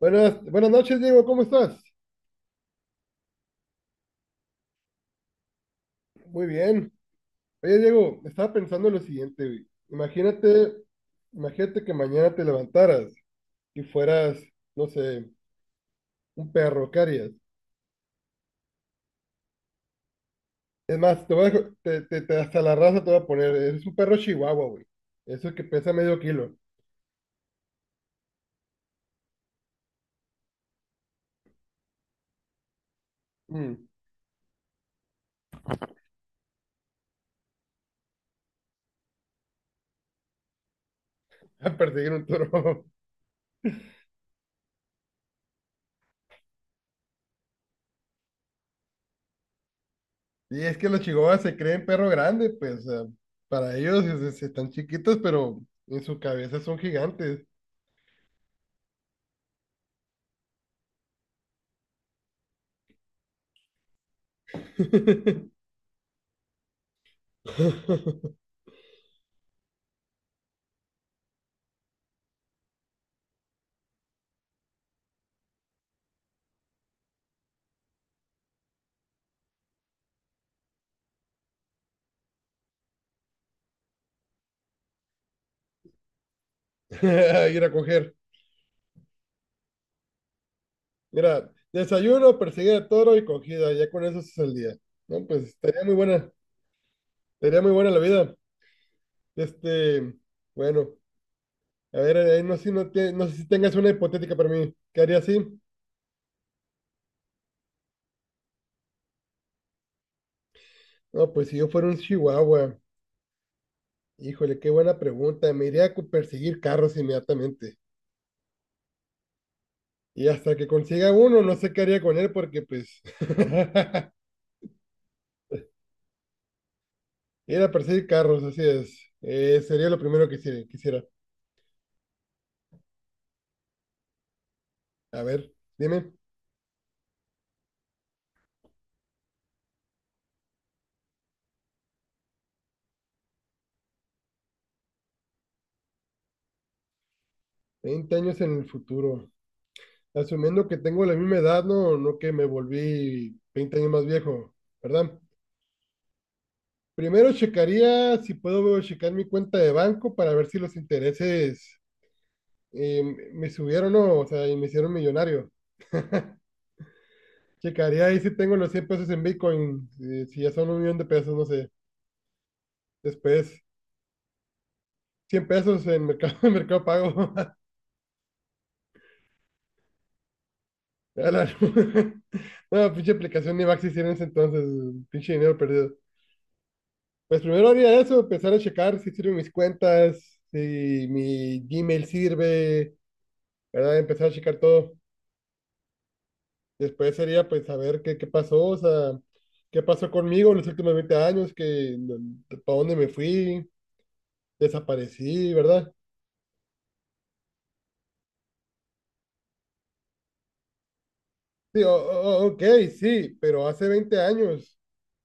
Buenas, buenas noches, Diego, ¿cómo estás? Muy bien. Oye, Diego, estaba pensando en lo siguiente, güey. Imagínate, imagínate que mañana te levantaras y fueras, no sé, un perro, ¿qué harías? Es más, te voy a, hasta la raza te voy a poner, eres un perro chihuahua, güey. Eso que pesa medio kilo. Mm, a perseguir un toro. Y es que los chihuahuas se creen perro grande, pues, o sea, para ellos están chiquitos, pero en su cabeza son gigantes. Ir a coger. Mira, desayuno, perseguir a toro y cogida. Ya con eso es el día. No, pues estaría muy buena. Estaría muy buena la vida. Este, bueno, a ver, no sé si no, no sé si tengas una hipotética para mí. ¿Qué haría así? No, pues si yo fuera un chihuahua. Híjole, qué buena pregunta. Me iría a perseguir carros inmediatamente. Y hasta que consiga uno, no sé qué haría con él porque pues ir a perseguir carros, así es. Sería lo primero que quisiera. A ver, dime. 20 años en el futuro. Asumiendo que tengo la misma edad, no, no que me volví 20 años más viejo, ¿verdad? Primero checaría si puedo checar mi cuenta de banco para ver si los intereses eh, me subieron o no, o sea, y me hicieron millonario. Checaría ahí si tengo los 100 pesos en Bitcoin, si ya son 1 millón de pesos, no sé. Después, 100 pesos en Mercado, en mercado Pago. A la- No, pinche aplicación ni va a existir en ese entonces, pinche dinero perdido. Pues primero haría eso, empezar a checar si sirven mis cuentas, si mi Gmail sirve, ¿verdad? Empezar a checar todo. Después sería pues saber qué, qué pasó, o sea, qué pasó conmigo en los últimos 20 años, que, no, para dónde me fui, desaparecí, ¿verdad? Sí, ok, sí, pero hace 20 años,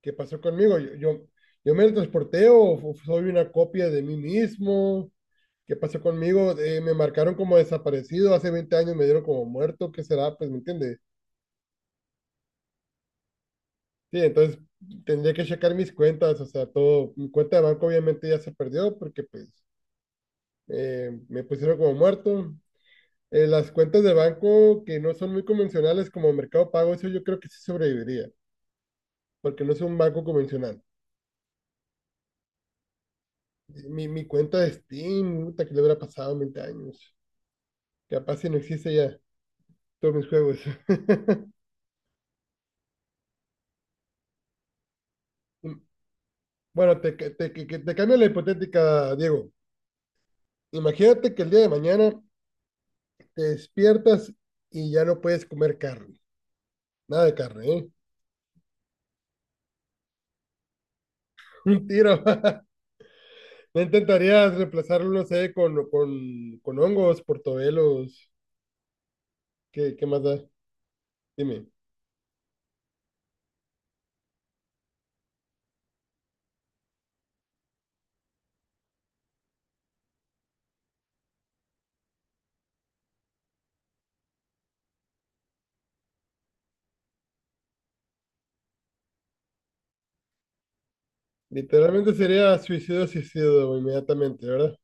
¿qué pasó conmigo? Yo me transporté o soy una copia de mí mismo. ¿Qué pasó conmigo? Me marcaron como desaparecido, hace 20 años me dieron como muerto, ¿qué será? Pues, ¿me entiendes? Sí, entonces tendría que checar mis cuentas, o sea, todo, mi cuenta de banco obviamente ya se perdió porque pues me pusieron como muerto. Las cuentas de banco que no son muy convencionales como Mercado Pago, eso yo creo que sí sobreviviría, porque no es un banco convencional. Mi cuenta de Steam, puta, que le habrá pasado 20 años, capaz si no existe ya todos mis juegos. Bueno, te, ca- te, que- te cambio la hipotética, Diego. Imagínate que el día de mañana te despiertas y ya no puedes comer carne. Nada de carne, ¿eh? Un tiro. No intentarías reemplazarlo, no sé, con hongos, portobelos. ¿Qué, qué más da? Dime. Literalmente sería suicidio, suicidio inmediatamente, ¿verdad?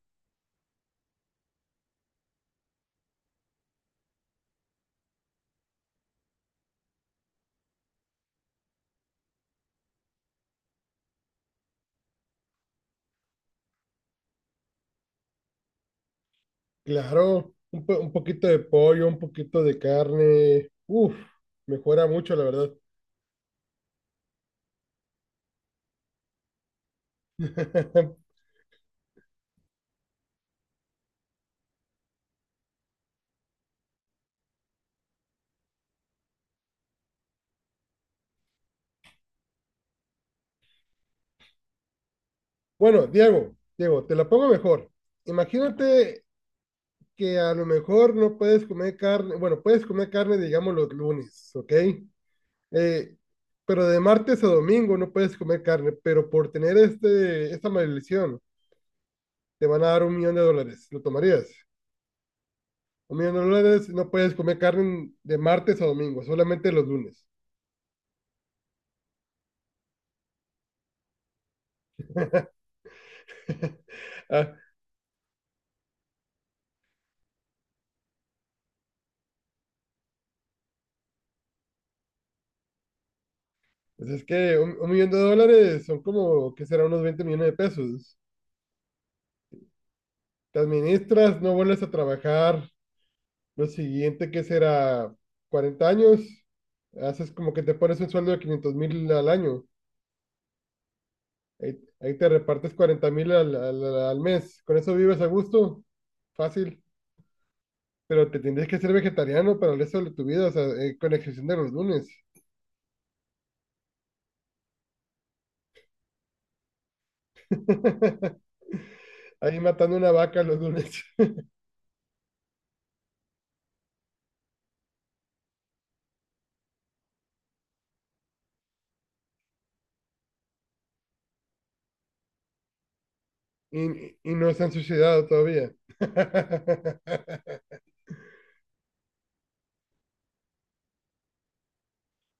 Claro, un poquito de pollo, un poquito de carne. Uf, mejora mucho, la verdad. Bueno, Diego, Diego, te la pongo mejor. Imagínate que a lo mejor no puedes comer carne, bueno, puedes comer carne, digamos, los lunes, ¿ok? Eh, pero de martes a domingo no puedes comer carne, pero por tener este, esta maldición te van a dar 1 millón de dólares. ¿Lo tomarías? 1 millón de dólares, no puedes comer carne de martes a domingo, solamente los lunes. Ah, pues es que un, 1 millón de dólares son como, ¿que será? Unos 20 millones de pesos. Te administras, no vuelves a trabajar. Lo siguiente que será 40 años, haces como que te pones un sueldo de 500 mil al año. Ahí, ahí te repartes 40 mil al mes. Con eso vives a gusto, fácil. Pero te tendrías que ser vegetariano para el resto de tu vida, o sea, con excepción de los lunes. Ahí matando una vaca los lunes. Y, y no se han suicidado todavía.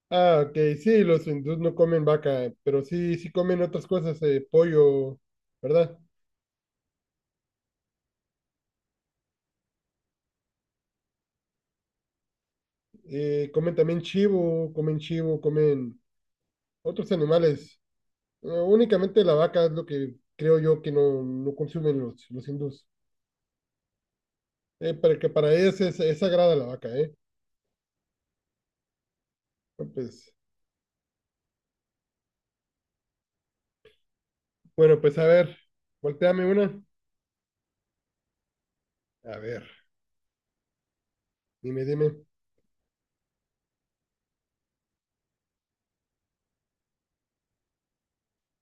Ah, ok, sí, los hindús no comen vaca, pero sí, sí comen otras cosas, pollo, ¿verdad? Comen también chivo, comen otros animales. Únicamente la vaca es lo que creo yo que no, no consumen los hindús. Para que para ellos es sagrada la vaca, ¿eh? No, pues, bueno, pues a ver, volteame una. A ver, dime, dime.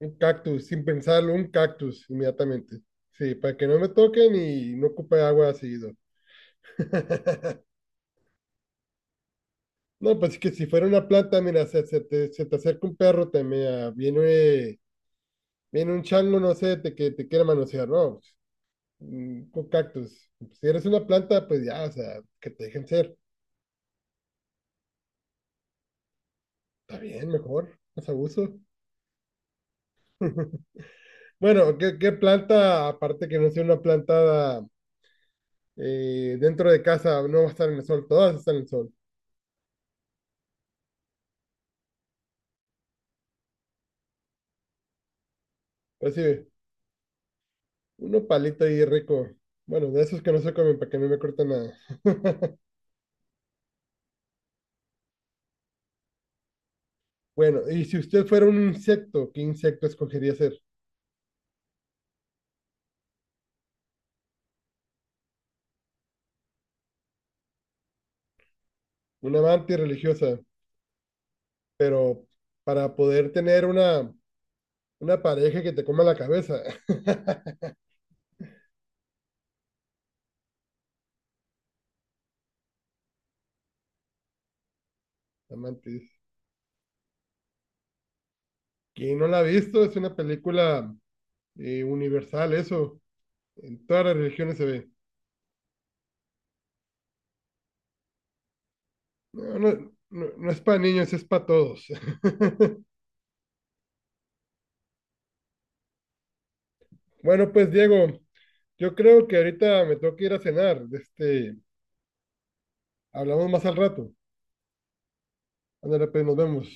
Un cactus, sin pensarlo, un cactus inmediatamente. Sí, para que no me toquen y no ocupe agua seguido. No, pues es que si fuera una planta, mira, se te acerca un perro, te me viene. Viene un chango, no sé, te, que te quiere manosear, ¿no? Un cactus. Pues, si eres una planta, pues ya, o sea, que te dejen ser. Está bien, mejor, más abuso. Bueno, ¿qué, qué planta, aparte que no sea una planta dentro de casa, no va a estar en el sol? Todas están en el sol. Pero sí, uno palito ahí rico. Bueno, de esos que no se comen para que no me corten nada. Bueno, y si usted fuera un insecto, ¿qué insecto escogería ser? Una amante religiosa, pero para poder tener una. Una pareja que te coma la cabeza. Amantes. Quien no la ha visto, es una película universal, eso. En todas las religiones se ve. No, no, no, no es para niños, es para todos. Bueno, pues Diego, yo creo que ahorita me tengo que ir a cenar. Este, hablamos más al rato. Ándale, pues nos vemos.